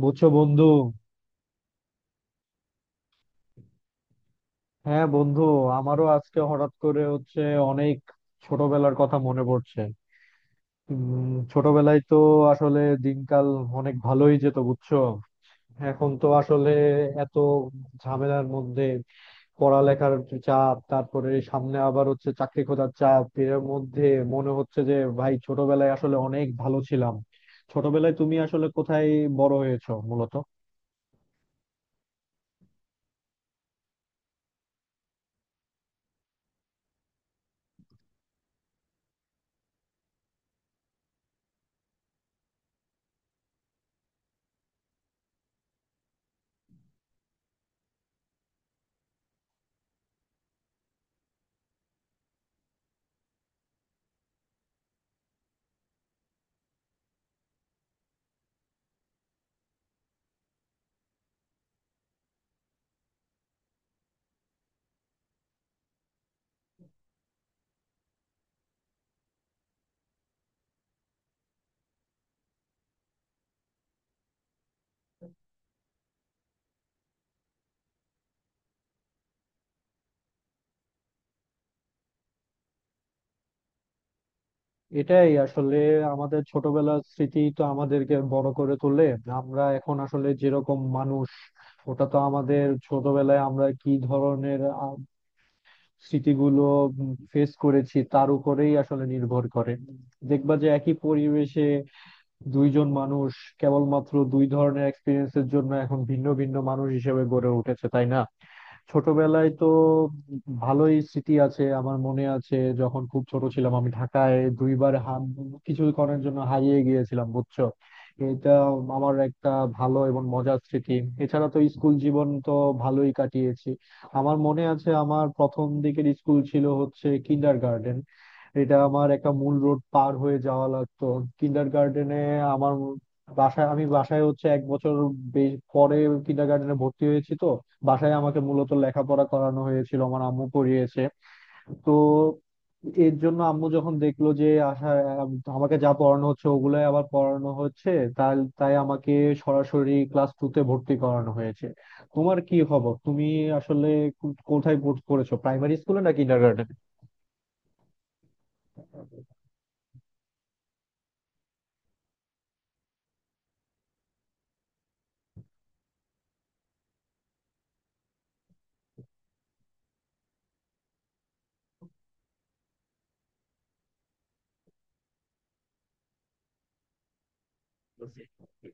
বুঝছো বন্ধু। হ্যাঁ বন্ধু, আমারও আজকে হঠাৎ করে হচ্ছে অনেক ছোটবেলার কথা মনে পড়ছে। ছোটবেলায় তো আসলে দিনকাল অনেক ভালোই যেত বুঝছো। এখন তো আসলে এত ঝামেলার মধ্যে পড়ালেখার চাপ, তারপরে সামনে আবার হচ্ছে চাকরি খোঁজার চাপ। এর মধ্যে মনে হচ্ছে যে ভাই ছোটবেলায় আসলে অনেক ভালো ছিলাম। ছোটবেলায় তুমি আসলে কোথায় বড় হয়েছো মূলত? এটাই আসলে আমাদের ছোটবেলার স্মৃতি তো আমাদেরকে বড় করে তোলে। আমরা এখন আসলে যেরকম মানুষ, ওটা তো আমাদের ছোটবেলায় আমরা কি ধরনের স্মৃতিগুলো ফেস করেছি তার উপরেই আসলে নির্ভর করে। দেখবা যে একই পরিবেশে দুইজন মানুষ কেবলমাত্র দুই ধরনের এক্সপিরিয়েন্সের জন্য এখন ভিন্ন ভিন্ন মানুষ হিসেবে গড়ে উঠেছে, তাই না? ছোটবেলায় তো ভালোই স্মৃতি আছে। আমার মনে আছে যখন খুব ছোট ছিলাম আমি ঢাকায় দুইবার কিছুক্ষণের জন্য হারিয়ে গিয়েছিলাম বুঝছো। এটা আমার একটা ভালো এবং মজার স্মৃতি। এছাড়া তো স্কুল জীবন তো ভালোই কাটিয়েছি। আমার মনে আছে আমার প্রথম দিকের স্কুল ছিল হচ্ছে কিন্ডার গার্ডেন। এটা আমার একটা মূল রোড পার হয়ে যাওয়া লাগতো কিন্ডার গার্ডেনে। আমার বাসায়, আমি বাসায় হচ্ছে এক বছর পরে কিন্ডার গার্ডেনে ভর্তি হয়েছি। তো বাসায় আমাকে মূলত লেখাপড়া করানো হয়েছিল, আমার আম্মু পড়িয়েছে। তো এর জন্য আম্মু যখন দেখলো যে আশা, আমাকে যা পড়ানো হচ্ছে ওগুলাই আবার পড়ানো হচ্ছে, তাই তাই আমাকে সরাসরি ক্লাস টু তে ভর্তি করানো হয়েছে। তোমার কি খবর? তুমি আসলে কোথায় পড়েছো, প্রাইমারি স্কুলে না কিন্ডারগার্টেন?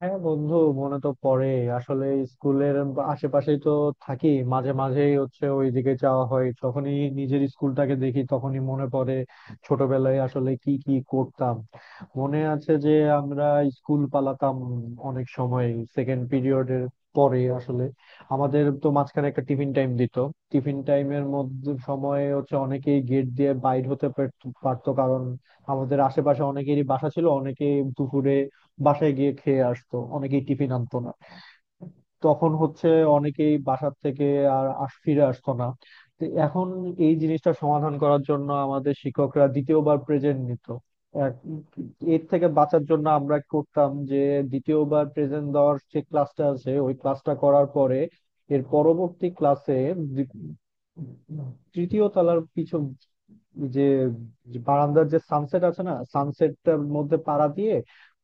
হ্যাঁ বন্ধু, মনে তো পড়ে। আসলে স্কুলের আশেপাশেই তো থাকি। মাঝে মাঝেই হচ্ছে ওইদিকে যাওয়া হয়, যখনই নিজের স্কুলটাকে দেখি তখনই মনে পড়ে ছোটবেলায় আসলে কি কি করতাম। মনে আছে যে আমরা স্কুল পালাতাম অনেক সময়। সেকেন্ড পিরিয়ডের পরে আসলে আমাদের তো মাঝখানে একটা টিফিন টাইম দিত। টিফিন টাইমের মধ্যে সময়ে হচ্ছে অনেকেই গেট দিয়ে বাইর হতে পারতো, কারণ আমাদের আশেপাশে অনেকেরই বাসা ছিল, অনেকেই দুপুরে বাসায় গিয়ে খেয়ে আসতো, অনেকেই টিফিন আনতো না। তখন হচ্ছে অনেকেই বাসার থেকে আর ফিরে আসতো না। তো এখন এই জিনিসটা সমাধান করার জন্য আমাদের শিক্ষকরা দ্বিতীয়বার প্রেজেন্ট নিত। এক- এর থেকে বাঁচার জন্য আমরা করতাম যে দ্বিতীয়বার প্রেজেন্ট দেওয়ার যে ক্লাসটা আছে ওই ক্লাসটা করার পরে, এর পরবর্তী ক্লাসে তৃতীয় তলার পিছন যে যে বারান্দার যে সানসেট আছে না, সানসেটটার মধ্যে পাড়া দিয়ে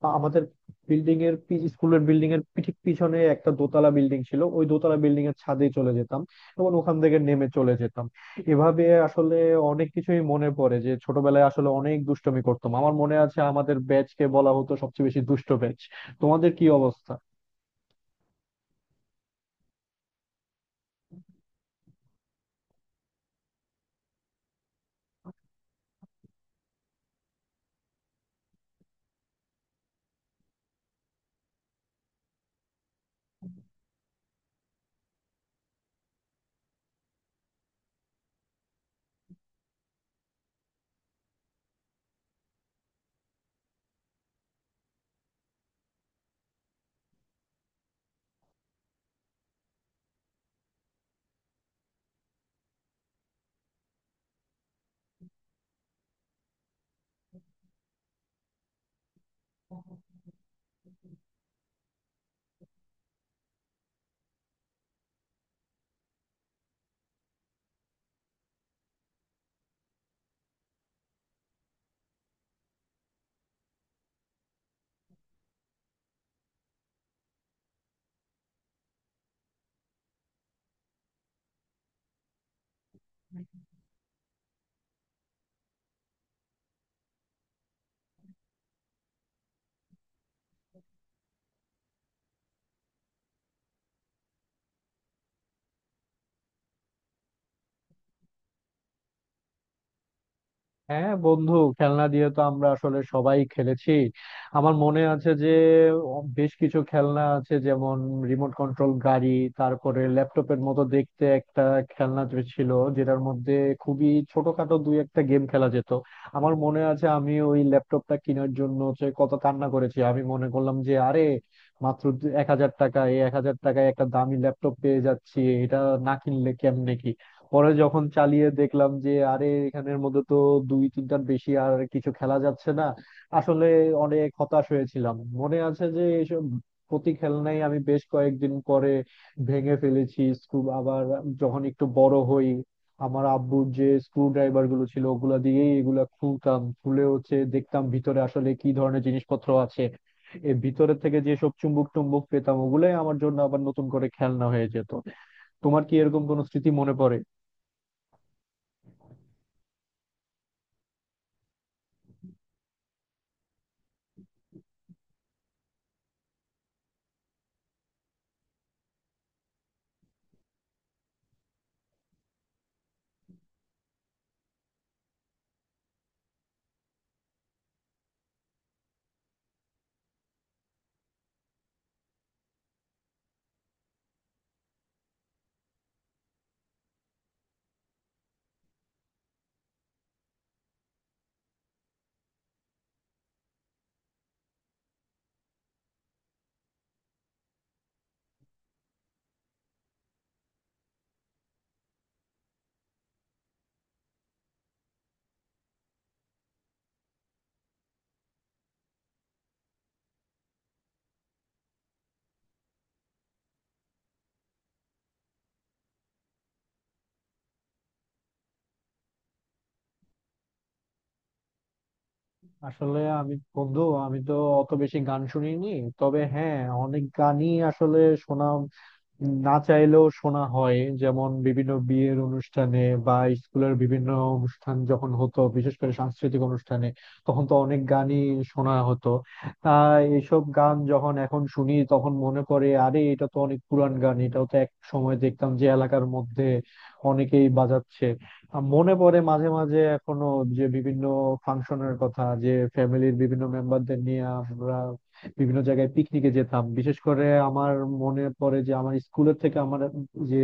আমাদের বিল্ডিং এর স্কুলের বিল্ডিং এর ঠিক পিছনে একটা দোতলা বিল্ডিং ছিল, ওই দোতলা বিল্ডিং এর ছাদে চলে যেতাম এবং ওখান থেকে নেমে চলে যেতাম। এভাবে আসলে অনেক কিছুই মনে পড়ে যে ছোটবেলায় আসলে অনেক দুষ্টুমি করতাম। আমার মনে আছে আমাদের ব্যাচ কে বলা হতো সবচেয়ে বেশি দুষ্ট ব্যাচ। তোমাদের কি অবস্থা? হ্যাঁ বন্ধু, খেলনা দিয়ে তো আমরা আসলে সবাই খেলেছি। আমার মনে আছে যে বেশ কিছু খেলনা আছে, যেমন রিমোট কন্ট্রোল গাড়ি, তারপরে ল্যাপটপের মতো দেখতে একটা খেলনা যে ছিল যেটার মধ্যে খুবই ছোটখাটো দুই একটা গেম খেলা যেত। আমার মনে আছে আমি ওই ল্যাপটপটা কেনার জন্য হচ্ছে কত কান্না করেছি। আমি মনে করলাম যে আরে মাত্র 1,000 টাকা, এই 1,000 টাকায় একটা দামি ল্যাপটপ পেয়ে যাচ্ছি, এটা না কিনলে কেমনে কি। পরে যখন চালিয়ে দেখলাম যে আরে এখানের মধ্যে তো দুই তিনটার বেশি আর কিছু খেলা যাচ্ছে না, আসলে অনেক হতাশ হয়েছিলাম। মনে আছে যে এইসব প্রতি খেলনাই আমি বেশ কয়েকদিন পরে ভেঙে ফেলেছি স্ক্রু। আবার যখন একটু বড় হই, আমার আব্বুর যে স্ক্রু ড্রাইভার গুলো ছিল ওগুলা দিয়েই এগুলা খুলতাম, খুলে হচ্ছে দেখতাম ভিতরে আসলে কি ধরনের জিনিসপত্র আছে। এর ভিতরে থেকে যেসব চুম্বক টুম্বক পেতাম ওগুলাই আমার জন্য আবার নতুন করে খেলনা হয়ে যেত। তোমার কি এরকম কোনো স্মৃতি মনে পড়ে? আসলে আমি বন্ধু, আমি তো অত বেশি গান শুনিনি। তবে হ্যাঁ, অনেক গানই আসলে শোনা, না চাইলেও শোনা হয়। যেমন বিভিন্ন বিয়ের অনুষ্ঠানে বা স্কুলের বিভিন্ন অনুষ্ঠান যখন হতো, বিশেষ করে সাংস্কৃতিক অনুষ্ঠানে তখন তো অনেক গানই শোনা হতো। তা এইসব গান যখন এখন শুনি তখন মনে পড়ে আরে এটা তো অনেক পুরান গান, এটাও তো এক সময় দেখতাম যে এলাকার মধ্যে অনেকেই বাজাচ্ছে। মনে পড়ে মাঝে মাঝে এখনো যে বিভিন্ন ফাংশনের কথা, যে ফ্যামিলির বিভিন্ন মেম্বারদের নিয়ে আমরা বিভিন্ন জায়গায় পিকনিকে যেতাম। বিশেষ করে আমার মনে পড়ে যে আমার স্কুলের থেকে, আমার যে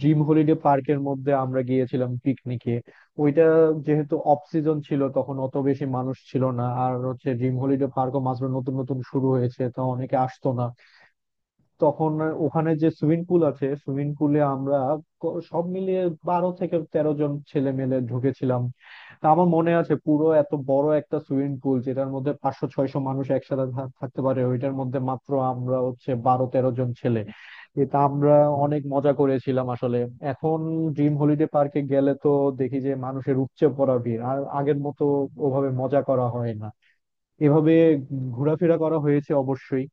ড্রিম হলিডে পার্কের মধ্যে আমরা গিয়েছিলাম পিকনিকে। ওইটা যেহেতু অফ সিজন ছিল তখন অত বেশি মানুষ ছিল না, আর হচ্ছে ড্রিম হলিডে পার্কও মাত্র নতুন নতুন শুরু হয়েছে, তো অনেকে আসতো না তখন। ওখানে যে সুইমিং পুল আছে, সুইমিং পুলে আমরা সব মিলিয়ে 12 থেকে 13 জন ছেলে মেলে ঢুকেছিলাম। তা আমার মনে আছে পুরো এত বড় একটা সুইমিং পুল যেটার মধ্যে 500 600 মানুষ একসাথে থাকতে পারে, ওইটার মধ্যে মাত্র আমরা হচ্ছে 12 13 জন ছেলে। এটা আমরা অনেক মজা করেছিলাম আসলে। এখন ড্রিম হলিডে পার্কে গেলে তো দেখি যে মানুষের উপচে পড়া ভিড়, আর আগের মতো ওভাবে মজা করা হয় না। এভাবে ঘোরাফেরা করা হয়েছে অবশ্যই।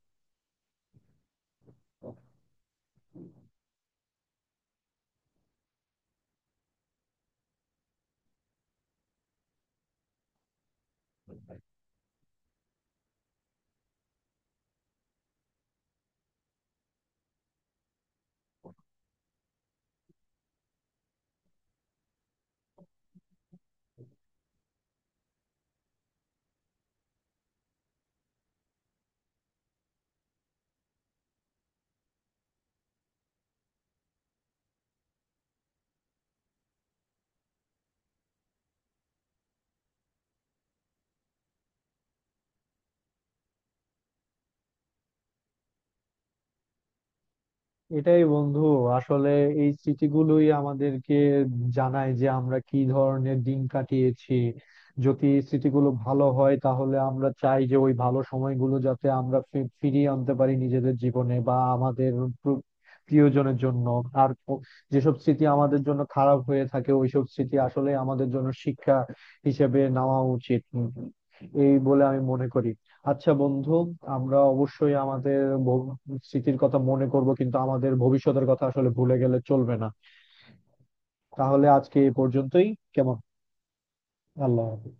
এটাই বন্ধু, আসলে এই স্মৃতিগুলোই আমাদেরকে জানায় যে আমরা কি ধরনের দিন কাটিয়েছি। যদি স্মৃতিগুলো ভালো হয় তাহলে আমরা চাই যে ওই ভালো সময়গুলো যাতে আমরা ফিরিয়ে আনতে পারি নিজেদের জীবনে বা আমাদের প্র- প্রিয়জনের জন্য। আর যেসব স্মৃতি আমাদের জন্য খারাপ হয়ে থাকে ওইসব স্মৃতি আসলে আমাদের জন্য শিক্ষা হিসেবে নেওয়া উচিত, এই বলে আমি মনে করি। আচ্ছা বন্ধু, আমরা অবশ্যই আমাদের ভব- স্মৃতির কথা মনে করব, কিন্তু আমাদের ভবিষ্যতের কথা আসলে ভুলে গেলে চলবে না। তাহলে আজকে এই পর্যন্তই, কেমন? আল্লাহ হাফেজ।